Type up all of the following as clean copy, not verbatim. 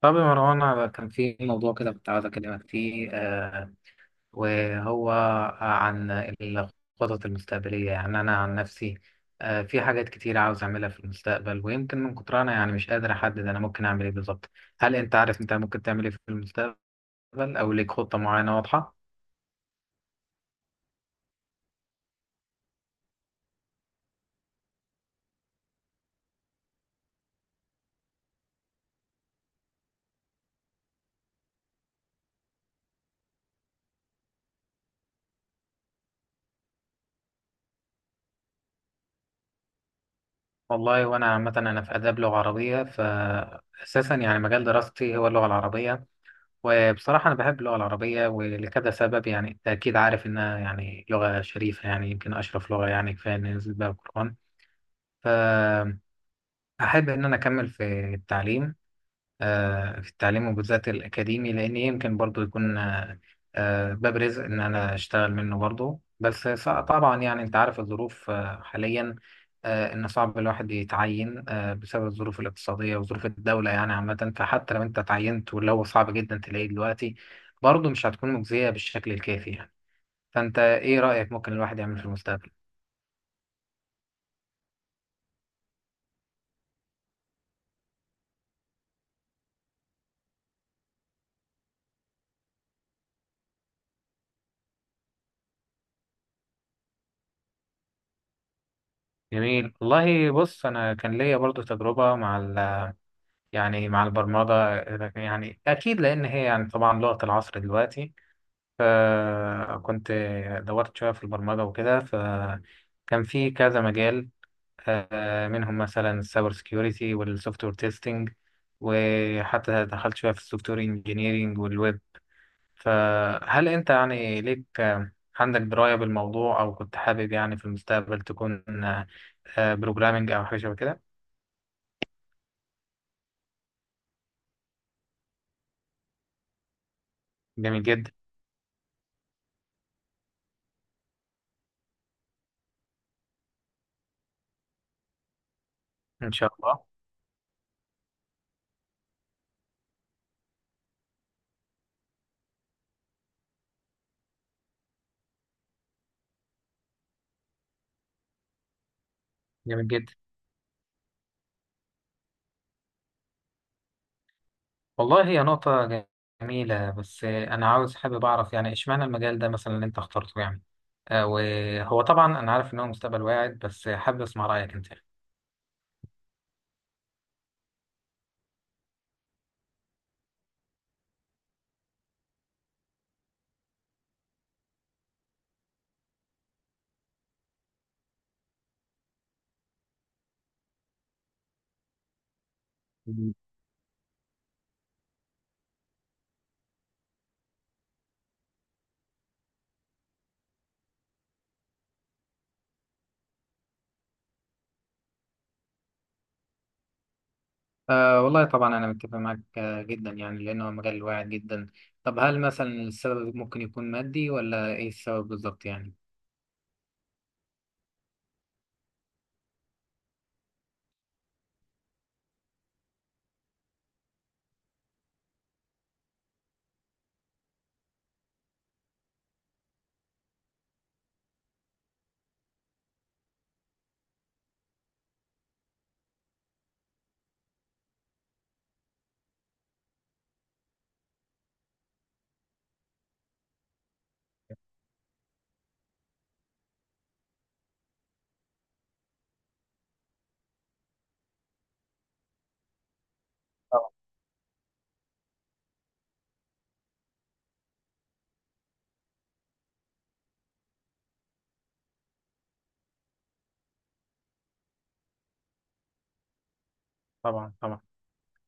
طب يا مروان، أنا كان في موضوع كده كنت عاوز أكلمك فيه. وهو عن الخطط المستقبلية. يعني أنا عن نفسي في حاجات كتير عاوز أعملها في المستقبل، ويمكن من كتر أنا يعني مش قادر أحدد أنا ممكن أعمل إيه بالظبط. هل أنت عارف أنت ممكن تعمل إيه في المستقبل أو ليك خطة معينة واضحة؟ والله وأنا عامة أنا في آداب لغة عربية، فأساسا يعني مجال دراستي هو اللغة العربية. وبصراحة أنا بحب اللغة العربية ولكذا سبب، يعني أنت أكيد عارف إنها يعني لغة شريفة، يعني يمكن أشرف لغة، يعني كفاية إن نزل بها القرآن. فأحب إن أنا أكمل في التعليم، في التعليم وبالذات الأكاديمي، لأن يمكن برضو يكون باب رزق إن أنا أشتغل منه برضو. بس طبعا يعني أنت عارف الظروف حاليا إن صعب الواحد يتعين بسبب الظروف الاقتصادية وظروف الدولة يعني عامة. فحتى لو أنت تعينت، واللي هو صعب جدا تلاقيه دلوقتي، برضو مش هتكون مجزية بالشكل الكافي يعني. فأنت إيه رأيك ممكن الواحد يعمل في المستقبل؟ جميل والله. بص، أنا كان ليا برضو تجربة مع يعني مع البرمجة، يعني أكيد لأن هي يعني طبعا لغة العصر دلوقتي. فكنت دورت شوية في البرمجة وكده، فكان في كذا مجال، منهم مثلا السايبر سكيورتي والسوفت وير تيستنج، وحتى دخلت شوية في السوفت وير انجينيرينج والويب. فهل أنت يعني ليك عندك دراية بالموضوع، أو كنت حابب يعني في المستقبل تكون بروجرامينج أو حاجة شبه كده؟ جميل جدا. إن شاء الله. جميل جدا. والله هي نقطة جميلة، بس أنا عاوز حابب أعرف يعني إشمعنى المجال ده مثلا اللي أنت اخترته يعني وهو طبعا أنا عارف إن هو مستقبل واعد، بس حابب أسمع رأيك أنت. أه والله طبعا أنا متفق معاك جدا يعني، لأنه مجال واعد جدا. طب هل مثلا السبب ممكن يكون مادي ولا إيه السبب بالظبط يعني؟ طبعا، طبعا، طبعا.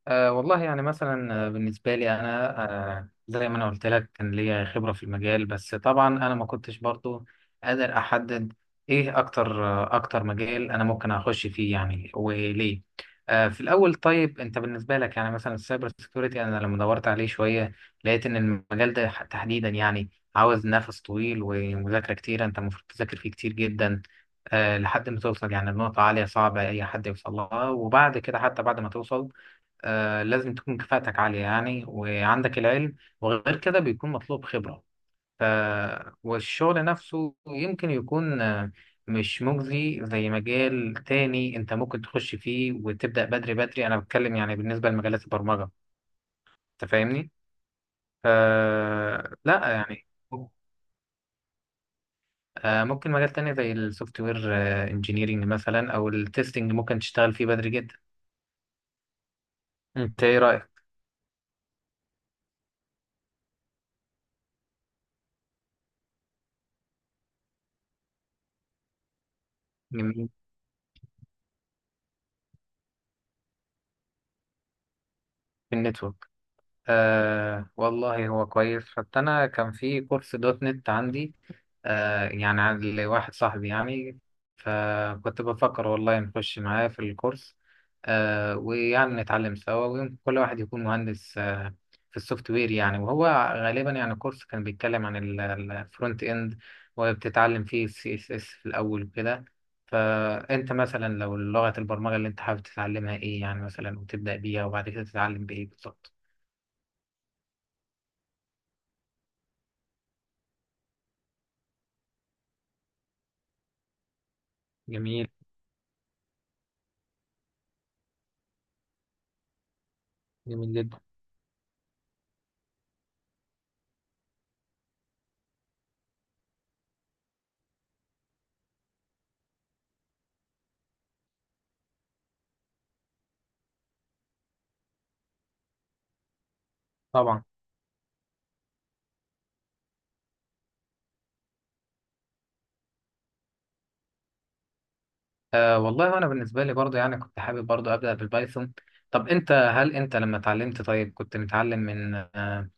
أه والله، يعني مثلا بالنسبة لي أنا، أه زي ما أنا قلت لك كان ليا خبرة في المجال، بس طبعا أنا ما كنتش برضو قادر أحدد إيه أكتر أكتر مجال أنا ممكن أخش فيه يعني وليه. أه في الأول طيب أنت بالنسبة لك، يعني مثلا السايبر سيكيورتي أنا لما دورت عليه شوية لقيت إن المجال ده تحديدا يعني عاوز نفس طويل ومذاكرة كتير، أنت المفروض تذاكر فيه كتير جدا، أه لحد ما توصل يعني لنقطة عالية صعبة أي حد يوصل لها. وبعد كده، حتى بعد ما توصل، آه لازم تكون كفاءتك عالية يعني، وعندك العلم، وغير كده بيكون مطلوب خبرة. ف... والشغل نفسه يمكن يكون مش مجزي زي مجال تاني انت ممكن تخش فيه وتبدأ بدري. بدري انا بتكلم يعني بالنسبة لمجالات البرمجة. انت فاهمني؟ ف... لا يعني ممكن مجال تاني زي السوفت وير انجينيرنج مثلا، او التستنج ممكن تشتغل فيه بدري جدا. انت ايه رأيك؟ جميل. في النتورك، آه والله هو كويس. حتى أنا كان في كورس دوت نت عندي، آه يعني عند واحد صاحبي يعني، فكنت بفكر والله نخش معاه في الكورس، آه ويعني نتعلم سوا، ويمكن كل واحد يكون مهندس آه في السوفت وير يعني. وهو غالبا يعني الكورس كان بيتكلم عن الفرونت إند، وبتتعلم فيه السي اس اس في الأول وكده. فأنت مثلا لو لغة البرمجة اللي أنت حابب تتعلمها إيه يعني مثلا، وتبدأ بيها، وبعد كده تتعلم بإيه بالظبط؟ جميل. جميل جدا. طبعا. آه والله انا بالنسبه لي برضه يعني كنت حابب برضه ابدا بالبايثون. طب انت هل انت لما اتعلمت، طيب كنت متعلم من آه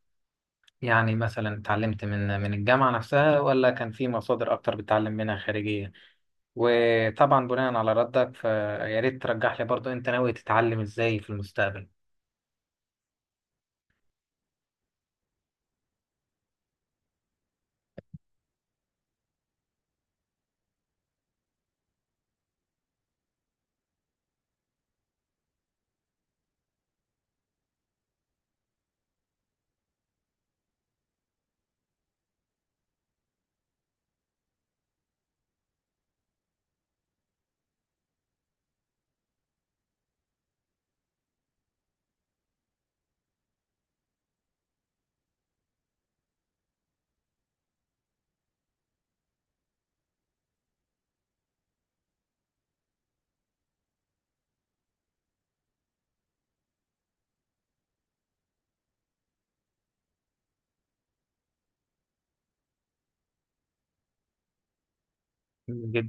يعني مثلا اتعلمت من الجامعه نفسها، ولا كان في مصادر اكتر بتتعلم منها خارجيه؟ وطبعا بناء على ردك، فيا ريت ترجح لي برضه انت ناوي تتعلم ازاي في المستقبل. جميل.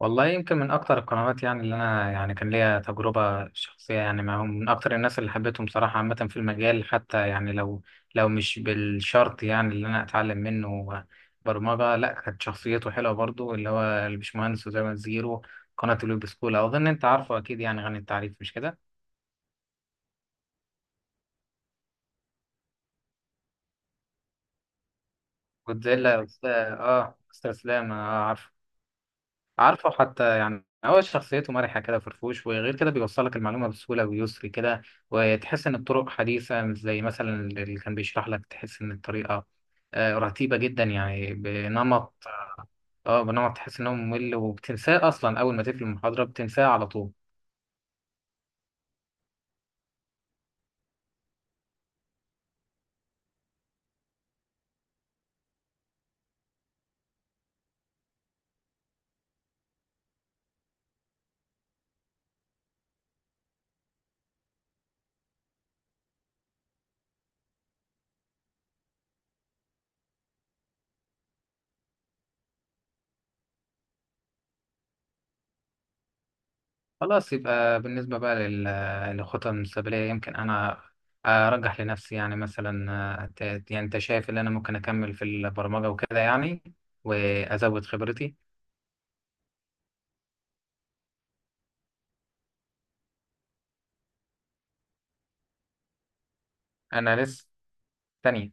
والله يمكن من اكتر القنوات يعني، اللي انا يعني كان ليا تجربه شخصيه يعني معاهم، من اكتر الناس اللي حبيتهم صراحه عامه في المجال، حتى يعني لو مش بالشرط يعني اللي انا اتعلم منه برمجه لا، كانت شخصيته حلوه برضو، اللي هو البشمهندس وزي ما زيرو، قناه الويب سكول، اظن انت عارفه اكيد، يعني غني التعريف مش كده؟ كنت زي لا، اه استاذ اسلام، اه عارفه، عارفه. حتى يعني هو شخصيته مرحة كده فرفوش، وغير كده بيوصلك المعلومة بسهولة ويسر كده، وتحس إن الطرق حديثة، مش زي مثلا اللي كان بيشرح لك تحس إن الطريقة رتيبة جدا يعني بنمط. اه بنمط تحس إنه ممل، وبتنساه أصلا أول ما تقفل المحاضرة بتنساه على طول. خلاص، يبقى بالنسبة بقى للخطط المستقبلية، يمكن أنا أرجح لنفسي يعني مثلا آه، ت- يعني أنت شايف إن أنا ممكن أكمل في البرمجة وكده يعني، وأزود خبرتي. أنا لسه تانية.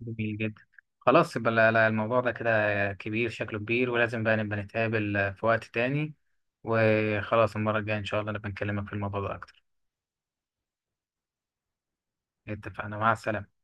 جميل جدا. خلاص، يبقى لا- لا، الموضوع ده كده كبير، شكله كبير، ولازم بقى نبقى نتقابل في وقت تاني. وخلاص المرة الجاية إن شاء الله نبقى نكلمك في الموضوع ده أكتر. اتفقنا، مع السلامة.